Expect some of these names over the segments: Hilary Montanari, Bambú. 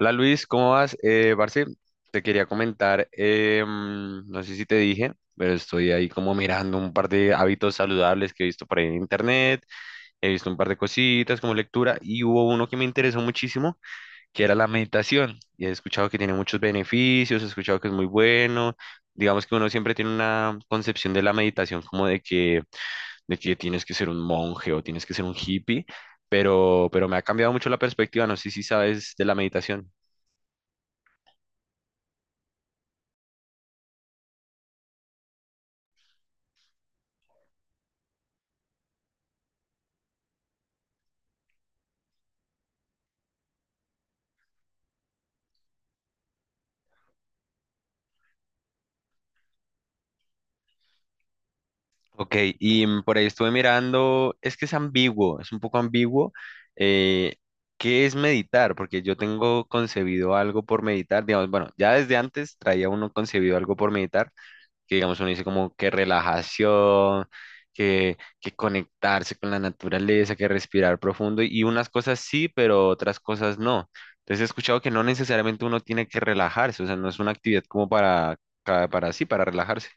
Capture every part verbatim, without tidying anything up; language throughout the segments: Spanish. Hola Luis, ¿cómo vas? Eh, parce, te quería comentar, eh, mm, no sé si te dije, pero estoy ahí como mirando un par de hábitos saludables que he visto por ahí en internet. He visto un par de cositas como lectura y hubo uno que me interesó muchísimo, que era la meditación. Y he escuchado que tiene muchos beneficios, he escuchado que es muy bueno. Digamos que uno siempre tiene una concepción de la meditación como de que, de que tienes que ser un monje o tienes que ser un hippie, pero, pero me ha cambiado mucho la perspectiva, no sé si sabes de la meditación. Ok, y mm, por ahí estuve mirando, es que es ambiguo, es un poco ambiguo. eh, ¿Qué es meditar? Porque yo tengo concebido algo por meditar, digamos, bueno, ya desde antes traía uno concebido algo por meditar, que digamos uno dice como que relajación, que, que conectarse con la naturaleza, que respirar profundo, y unas cosas sí, pero otras cosas no. Entonces he escuchado que no necesariamente uno tiene que relajarse, o sea, no es una actividad como para, para, para sí, para relajarse.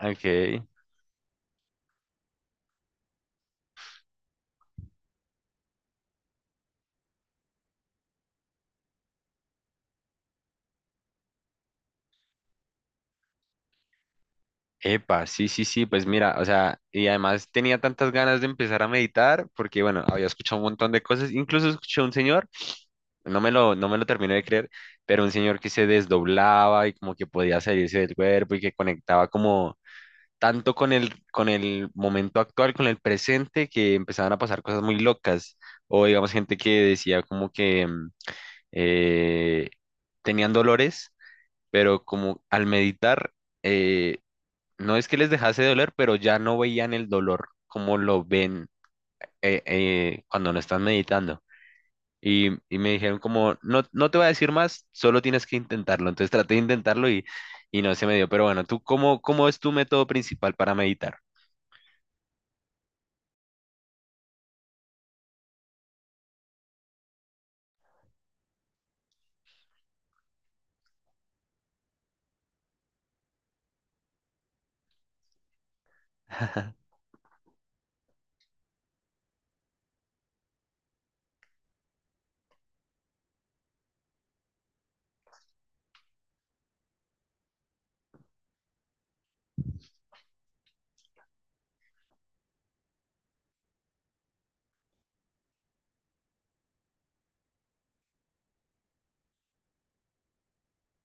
Ok. Epa, sí, sí, sí, pues mira, o sea, y además tenía tantas ganas de empezar a meditar porque, bueno, había escuchado un montón de cosas, incluso escuché a un señor, no me lo, no me lo terminé de creer, pero un señor que se desdoblaba y como que podía salirse del cuerpo y que conectaba como tanto con el, con el momento actual, con el presente, que empezaban a pasar cosas muy locas, o digamos gente que decía como que mm, eh, tenían dolores, pero como al meditar... eh, no es que les dejase de doler, pero ya no veían el dolor como lo ven eh, eh, cuando no están meditando. Y, y me dijeron como, no, no te voy a decir más, solo tienes que intentarlo. Entonces traté de intentarlo y, y no se me dio. Pero bueno, ¿tú cómo, cómo es tu método principal para meditar?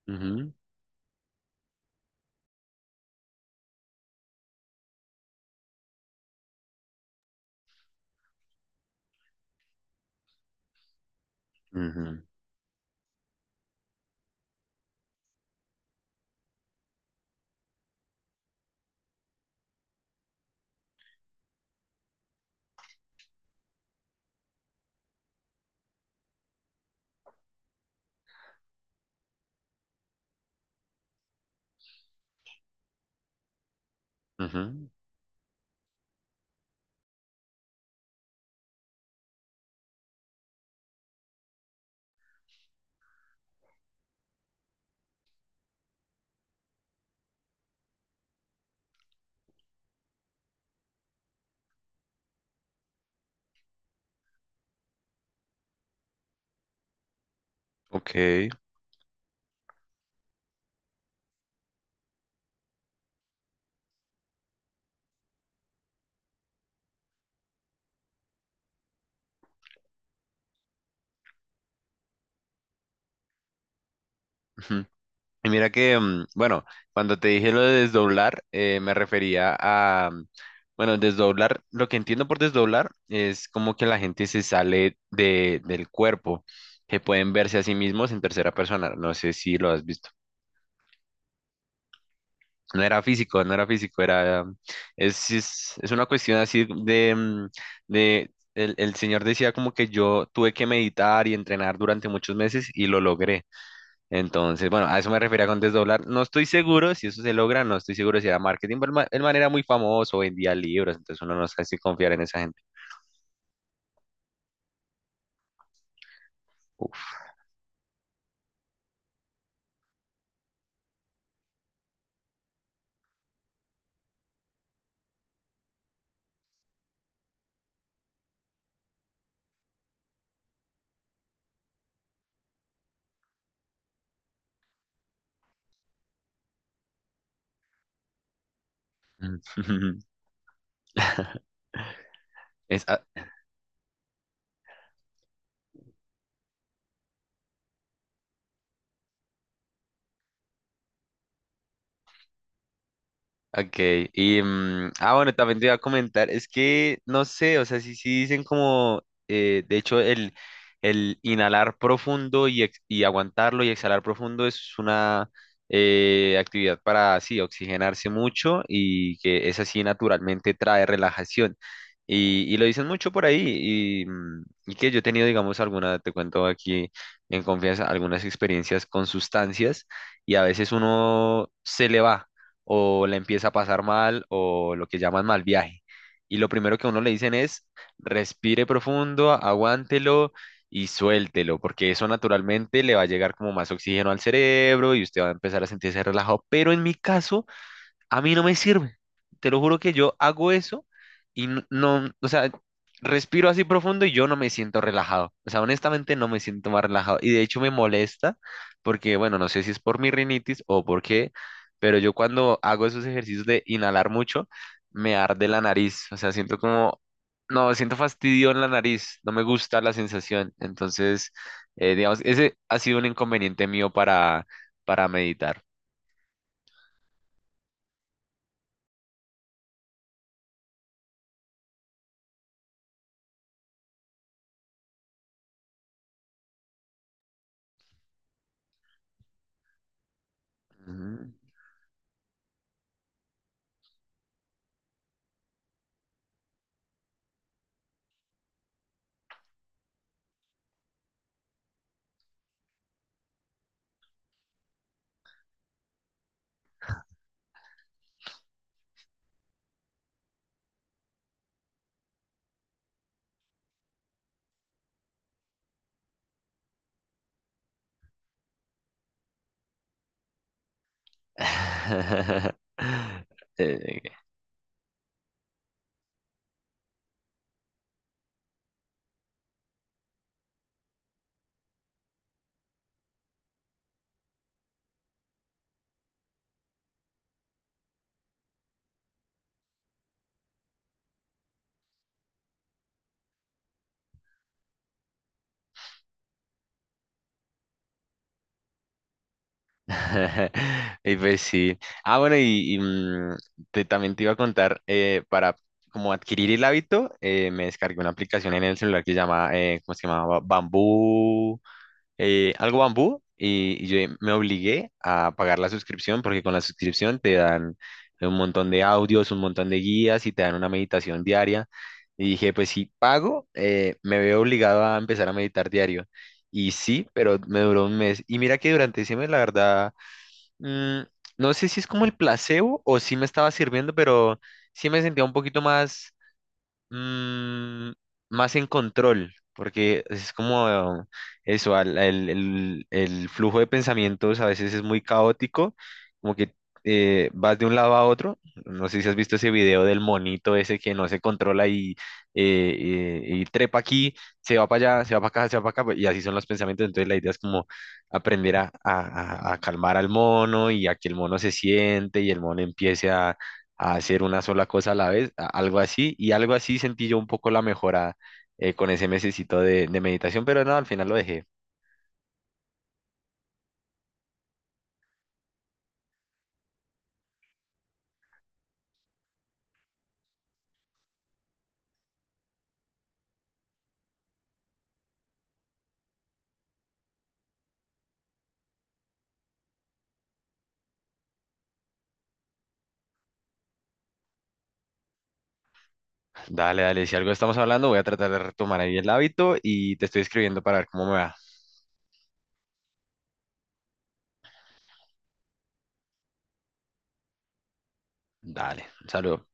Ujú, ujú, ujú. Ok. Y mira que, mm, bueno, cuando te dije lo de desdoblar, eh, me refería a, mm, bueno, desdoblar, lo que entiendo por desdoblar es como que la gente se sale de, del cuerpo, que pueden verse a sí mismos en tercera persona, no sé si lo has visto. No era físico, no era físico, era, mm, es, es, es una cuestión así de, mm, de, el, el señor decía como que yo tuve que meditar y entrenar durante muchos meses y lo logré. Entonces, bueno, a eso me refería con desdoblar. No estoy seguro si eso se logra, no estoy seguro si era marketing, pero el ma- el man era muy famoso, vendía libros, entonces uno no sabe si confiar en esa gente. Uf. Es, ah, ok, y mm, ah bueno, también te iba a comentar, es que no sé, o sea, sí, sí dicen como, eh, de hecho, el, el inhalar profundo y, ex- y aguantarlo y exhalar profundo es una eh, actividad para, sí, oxigenarse mucho y que es así naturalmente trae relajación. Y, y lo dicen mucho por ahí y, mm, y que yo he tenido, digamos, alguna, te cuento aquí en confianza, algunas experiencias con sustancias y a veces uno se le va o la empieza a pasar mal o lo que llaman mal viaje. Y lo primero que a uno le dicen es, respire profundo, aguántelo y suéltelo, porque eso naturalmente le va a llegar como más oxígeno al cerebro y usted va a empezar a sentirse relajado. Pero en mi caso, a mí no me sirve. Te lo juro que yo hago eso y n- no, o sea, respiro así profundo y yo no me siento relajado. O sea, honestamente no me siento más relajado. Y de hecho me molesta porque, bueno, no sé si es por mi rinitis o por qué, pero yo cuando hago esos ejercicios de inhalar mucho, me arde la nariz. O sea, siento como, no, siento fastidio en la nariz. No me gusta la sensación. Entonces, eh, digamos, ese ha sido un inconveniente mío para, para meditar. Ujú. Eh, Y pues sí. Ah, bueno, y, y, mm, te- también te iba a contar, eh, para como adquirir el hábito, eh, me descargué una aplicación en el celular que se llama, eh, ¿cómo se llamaba? Bambú. Eh, algo bambú y, y yo me obligué a pagar la suscripción porque con la suscripción te dan un montón de audios, un montón de guías y te dan una meditación diaria. Y dije, pues si pago, eh, me veo obligado a empezar a meditar diario. Y sí, pero me duró un mes. Y mira que durante ese mes, la verdad, mm, no sé si es como el placebo o si me estaba sirviendo, pero sí me sentía un poquito más. Mm, más en control, porque es como eso, al- el, el- el flujo de pensamientos a veces es muy caótico, como que eh, vas de un lado a otro. No sé si has visto ese video del monito ese que no se controla y, eh, eh, y trepa aquí, se va para allá, se va para acá, se va para acá, y así son los pensamientos. Entonces la idea es como aprender a, a- a- a calmar al mono y a que el mono se siente y el mono empiece a hacer una sola cosa a la vez, a- algo así, y algo así sentí yo un poco la mejora eh, con ese mesecito de, de meditación, pero no, al final lo dejé. Dale, dale, si algo estamos hablando, voy a tratar de retomar ahí el hábito y te estoy escribiendo para ver cómo me va. Dale, un saludo.